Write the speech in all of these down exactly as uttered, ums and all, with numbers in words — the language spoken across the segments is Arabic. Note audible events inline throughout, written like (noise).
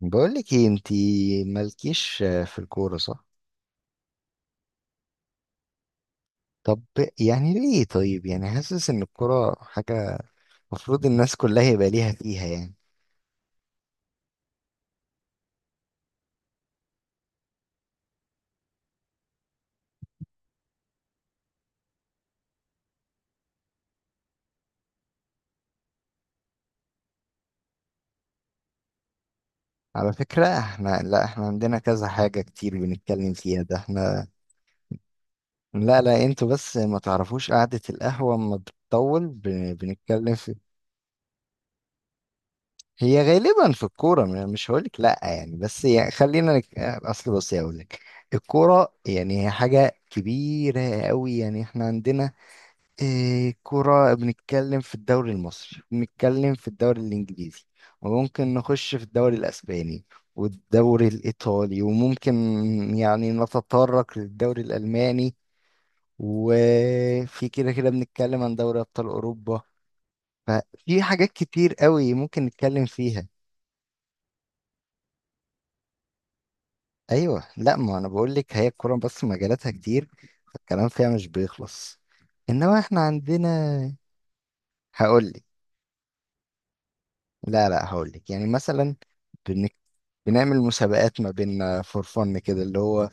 بقولك ايه انتي مالكيش في الكورة صح؟ طب، يعني ليه؟ طيب، يعني حاسس ان الكورة حاجة المفروض الناس كلها يبقى ليها فيها يعني. على فكرة احنا، لا احنا عندنا كذا حاجة كتير بنتكلم فيها، ده احنا. لا لا، انتوا بس ما تعرفوش قعدة القهوة اما بتطول بن- بنتكلم في. هي غالبا في الكورة، م- مش هقولك لا يعني، بس يعني خلينا نك... اصل بصي هقولك. الكورة يعني هي حاجة كبيرة قوي، يعني احنا عندنا إيه؟ كرة. بنتكلم في الدوري المصري، بنتكلم في الدوري الإنجليزي، وممكن نخش في الدوري الأسباني والدوري الإيطالي، وممكن يعني نتطرق للدوري الألماني، وفي كده كده بنتكلم عن دوري أبطال أوروبا. ففي حاجات كتير قوي ممكن نتكلم فيها. أيوة، لا ما أنا بقول لك هي الكرة، بس مجالاتها كتير، فالكلام فيها مش بيخلص. إنما إحنا عندنا. هقول لك. لا لا، هقول لك يعني مثلا. بنك... بنعمل مسابقات ما بيننا، فور فن كده، اللي هو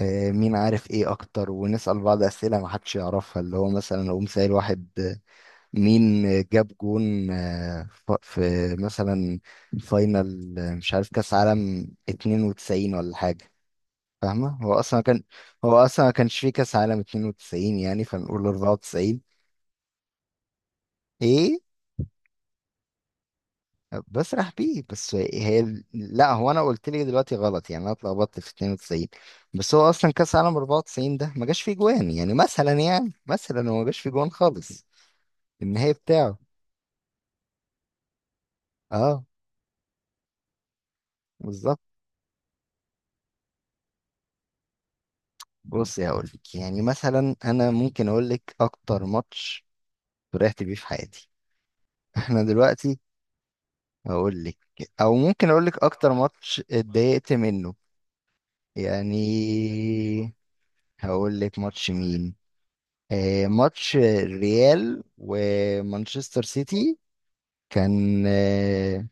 آه، مين عارف ايه اكتر، ونسأل بعض اسئلة ما حدش يعرفها. اللي هو مثلا اقوم سائل واحد، آه، مين جاب جون، آه، ف- في مثلا فاينل، آه، مش عارف كاس عالم اتنين وتسعين ولا حاجة، فاهمة؟ هو اصلا كان، هو اصلا ما كانش فيه كاس عالم اتنين وتسعين، يعني فنقول اربعة وتسعين. ايه، بسرح بيه بس هي، لا هو انا قلت لي دلوقتي غلط، يعني انا اتلخبطت في اتنين وتسعين، بس هو اصلا كاس عالم اربعة وتسعين ده ما جاش فيه جوان، يعني مثلا، يعني مثلا، هو ما جاش فيه جوان خالص النهائي بتاعه. اه بالظبط. بص يا، اقول لك يعني مثلا، انا ممكن اقول لك اكتر ماتش فرحت بيه في حياتي. (laughs) احنا دلوقتي. هقول لك. او ممكن اقول لك اكتر ماتش اتضايقت منه يعني. هقول لك ماتش مين. آه، ماتش الريال ومانشستر سيتي. كان آه،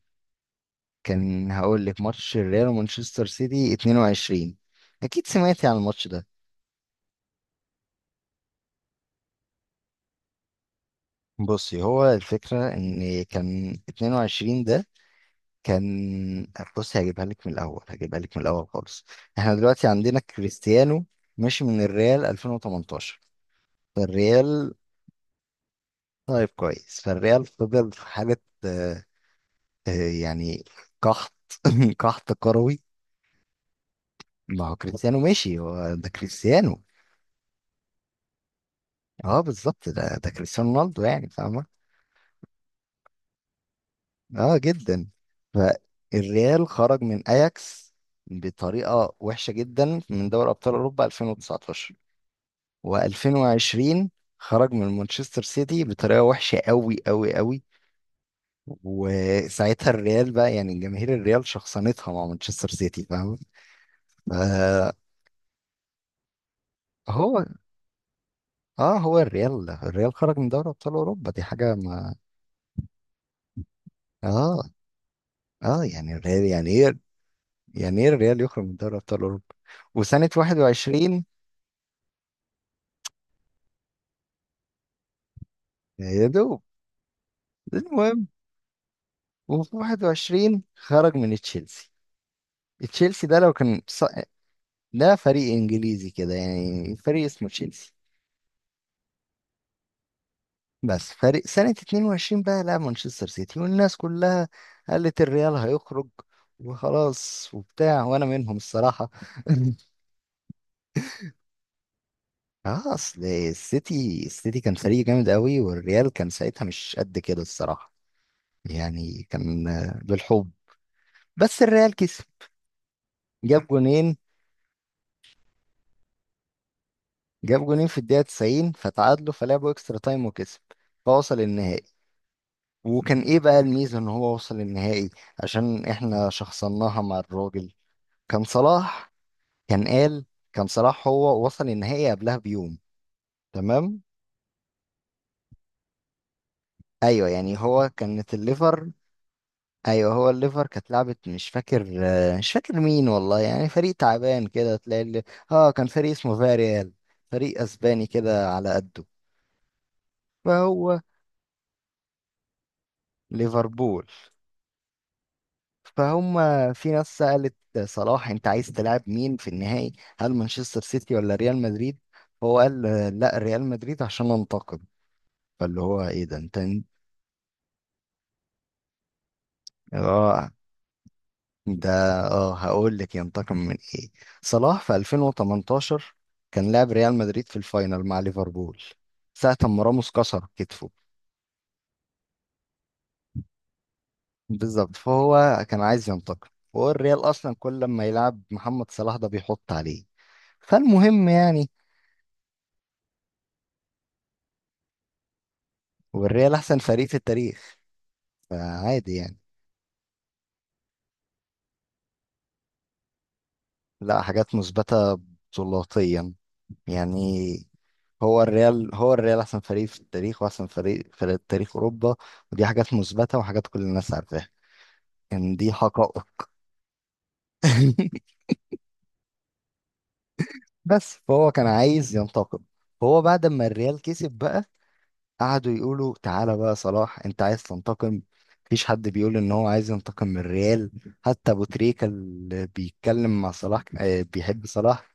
كان هقول لك ماتش الريال ومانشستر سيتي اتنين وعشرين. اكيد سمعتي عن الماتش ده. بصي، هو الفكرة ان كان اتنين وعشرين ده كان، بصي هجيبها لك من الاول، هجيبها لك من الاول خالص. احنا دلوقتي عندنا كريستيانو ماشي من الريال الفين وتمنتاشر. فالريال. طيب كويس. فالريال فضل في حالة آه، آه، يعني قحط. (laughs) قحط كروي. ما هو كريستيانو ماشي، هو ده كريستيانو. اه بالظبط، ده ده كريستيانو رونالدو، يعني فاهمة؟ اه جدا. فالريال خرج من اياكس بطريقة وحشة جدا، من دوري ابطال اوروبا الفين وتسعتاشر و2020. خرج من مانشستر سيتي بطريقة وحشة قوي قوي قوي. وساعتها الريال بقى، يعني جماهير الريال شخصنتها مع مانشستر سيتي، فاهم؟ فهو. اه، هو الريال الريال خرج من دوري ابطال اوروبا، دي حاجة. ما اه اه، يعني الريال يعني ايه، يعني ايه الريال يخرج من دوري ابطال اوروبا؟ وسنة واحد وعشرين، يا دوب. المهم، وفي واحد وعشرين خرج من تشيلسي. تشيلسي ده لو كان ص... ده فريق انجليزي كده، يعني فريق اسمه تشيلسي. بس فريق، سنة اتنين وعشرين بقى لعب مانشستر سيتي، والناس كلها قالت الريال هيخرج وخلاص وبتاع، وانا منهم الصراحة. (laughs) اه، اصل السيتي السيتي كان فريق جامد قوي، والريال كان ساعتها مش قد كده الصراحة. يعني كان آه، بالحب. بس الريال كسب، جاب جونين جاب جونين في الدقيقة تسعين، فتعادلوا، فلعبوا اكسترا تايم وكسب، فوصل النهائي. وكان ايه بقى الميزة ان هو وصل النهائي؟ عشان احنا شخصناها مع الراجل. كان صلاح. كان قال، كان صلاح هو وصل النهائي قبلها بيوم، تمام. ايوه، يعني هو كانت الليفر، ايوه هو الليفر كانت لعبت، مش فاكر آه، مش فاكر مين والله، يعني فريق تعبان كده تلاقي اللي... اه كان فريق اسمه فاريال، فريق اسباني كده على قده. فهو ليفربول، فهم. في ناس سألت صلاح، انت عايز تلعب مين في النهائي؟ هل مانشستر سيتي ولا ريال مدريد؟ هو قال آه، لا ريال مدريد، عشان انتقد، فاللي هو ايه ده انت. اه ده، اه هقول لك ينتقم من ايه. صلاح في الفين وتمنتاشر كان لاعب ريال مدريد في الفاينل مع ليفربول، ساعة ما راموس كسر كتفه. بالظبط، فهو كان عايز ينتقم، وهو الريال اصلا كل ما يلعب محمد صلاح ده بيحط عليه. فالمهم يعني، والريال احسن فريق في التاريخ، فعادي يعني. لا، حاجات مثبتة بطولاتيا، يعني هو الريال، هو الريال احسن فريق في التاريخ، واحسن فريق في تاريخ اوروبا، ودي حاجات مثبتة وحاجات كل الناس عارفاها، كان دي حقائق. (laughs) بس فهو كان عايز ينتقم. فهو بعد ما الريال كسب بقى، قعدوا يقولوا تعالى بقى صلاح انت عايز تنتقم. مفيش حد بيقول ان هو عايز ينتقم من الريال. حتى ابو تريكة اللي بيتكلم مع صلاح، آه، بيحب صلاح.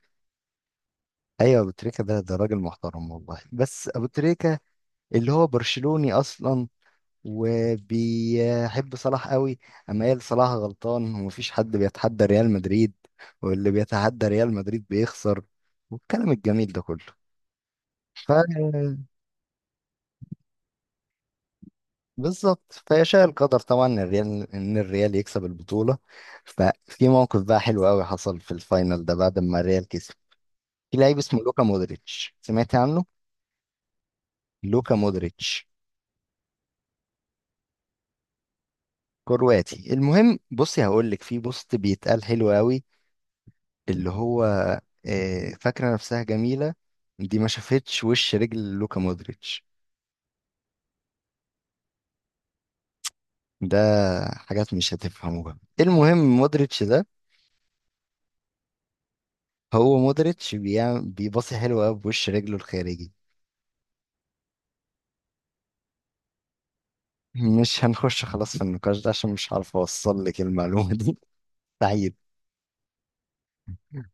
ايوه، ابو تريكة ده ده راجل محترم والله. بس ابو تريكة اللي هو برشلوني اصلا وبيحب صلاح قوي، اما قال صلاح غلطان ومفيش حد بيتحدى ريال مدريد، واللي بيتحدى ريال مدريد بيخسر، والكلام الجميل ده كله. ف بالظبط، فيشاء القدر طبعا ان الريال، ان الريال يكسب البطوله. ففي موقف بقى حلو قوي حصل في الفاينل ده بعد ما الريال كسب. في لعيب اسمه لوكا مودريتش، سمعت عنه؟ لوكا مودريتش كرواتي. المهم، بصي هقول لك في بوست بيتقال حلو قوي، اللي هو آه، فاكرة نفسها جميلة دي ما شافتش وش رجل لوكا مودريتش. ده حاجات مش هتفهموها. المهم مودريتش ده، هو مودريتش بيعمل بيباصي حلو قوي بوش رجله الخارجي. مش هنخش خلاص في النقاش ده عشان مش عارف اوصل لك المعلومة دي. (laughs) سعيد.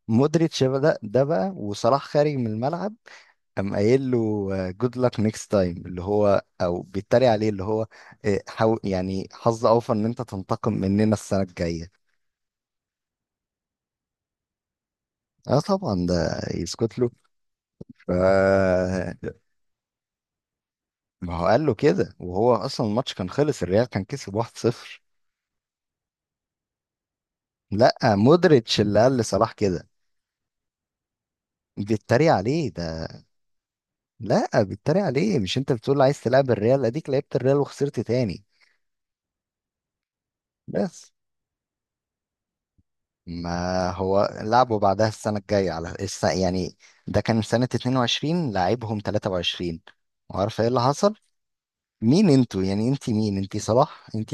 مودريتش بدأ ده بقى، وصلاح خارج من الملعب، قام قايل له جود luck نيكست تايم، اللي هو او بيتريق عليه، اللي هو آه، حاول يعني حظ اوفر ان انت تنتقم مننا السنة الجاية. اه طبعا، ده يسكت له. ف ما هو قال له كده، وهو اصلا الماتش كان خلص، الريال كان كسب واحد صفر. لا، مودريتش اللي قال لصلاح كده، بيتريق عليه ده. لا بيتريق عليه، مش انت بتقول عايز تلعب الريال؟ اديك لعبت الريال وخسرت تاني. بس ما هو لعبه بعدها السنة الجاية على الس... يعني ده كان سنة اتنين وعشرين لعبهم تلاتة وعشرين، وعارف ايه اللي حصل. مين انتوا يعني، انت مين؟ انت صلاح انت؟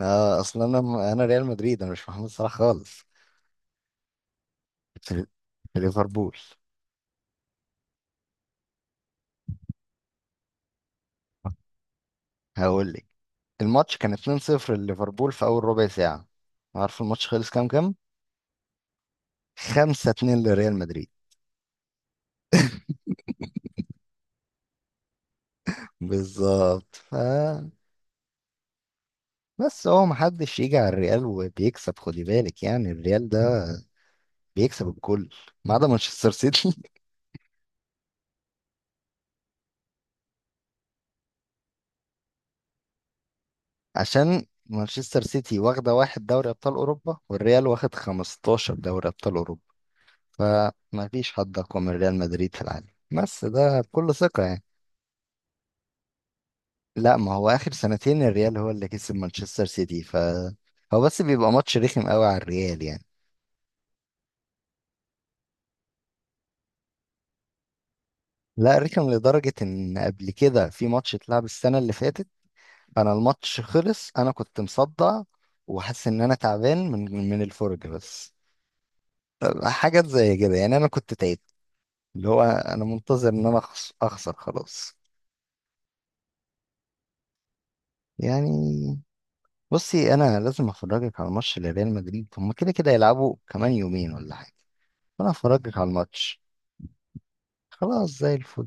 آه، اصل انا انا ريال مدريد، انا مش محمد صلاح خالص. في في ليفربول. هقول لك، الماتش كان اثنين صفر لليفربول في اول ربع ساعة. عارف الماتش خلص كام كام؟ خمسة اتنين لريال مدريد. بالظبط. ف بس، هو محدش يجي على الريال وبيكسب، خدي بالك، يعني الريال ده بيكسب الكل ما عدا مانشستر سيتي. (laughs) عشان مانشستر سيتي واخدة واحد دوري أبطال أوروبا، والريال واخد خمستاشر دوري أبطال أوروبا، فما فيش حد أقوى من ريال مدريد في العالم، بس ده بكل ثقة يعني. لا ما هو آخر سنتين الريال هو اللي كسب مانشستر سيتي. ف هو بس بيبقى ماتش رخم قوي على الريال يعني. لا، رخم لدرجة إن قبل كده في ماتش اتلعب السنة اللي فاتت، أنا الماتش خلص أنا كنت مصدع، وحاسس إن أنا تعبان من من الفرج بس. حاجات زي كده يعني، أنا كنت تعبت، اللي هو أنا منتظر إن أنا أخس- أخسر خلاص يعني. بصي انا لازم افرجك على ماتش لريال مدريد، هما كده كده يلعبوا كمان يومين ولا حاجه، فانا افرجك على الماتش. خلاص زي الفل.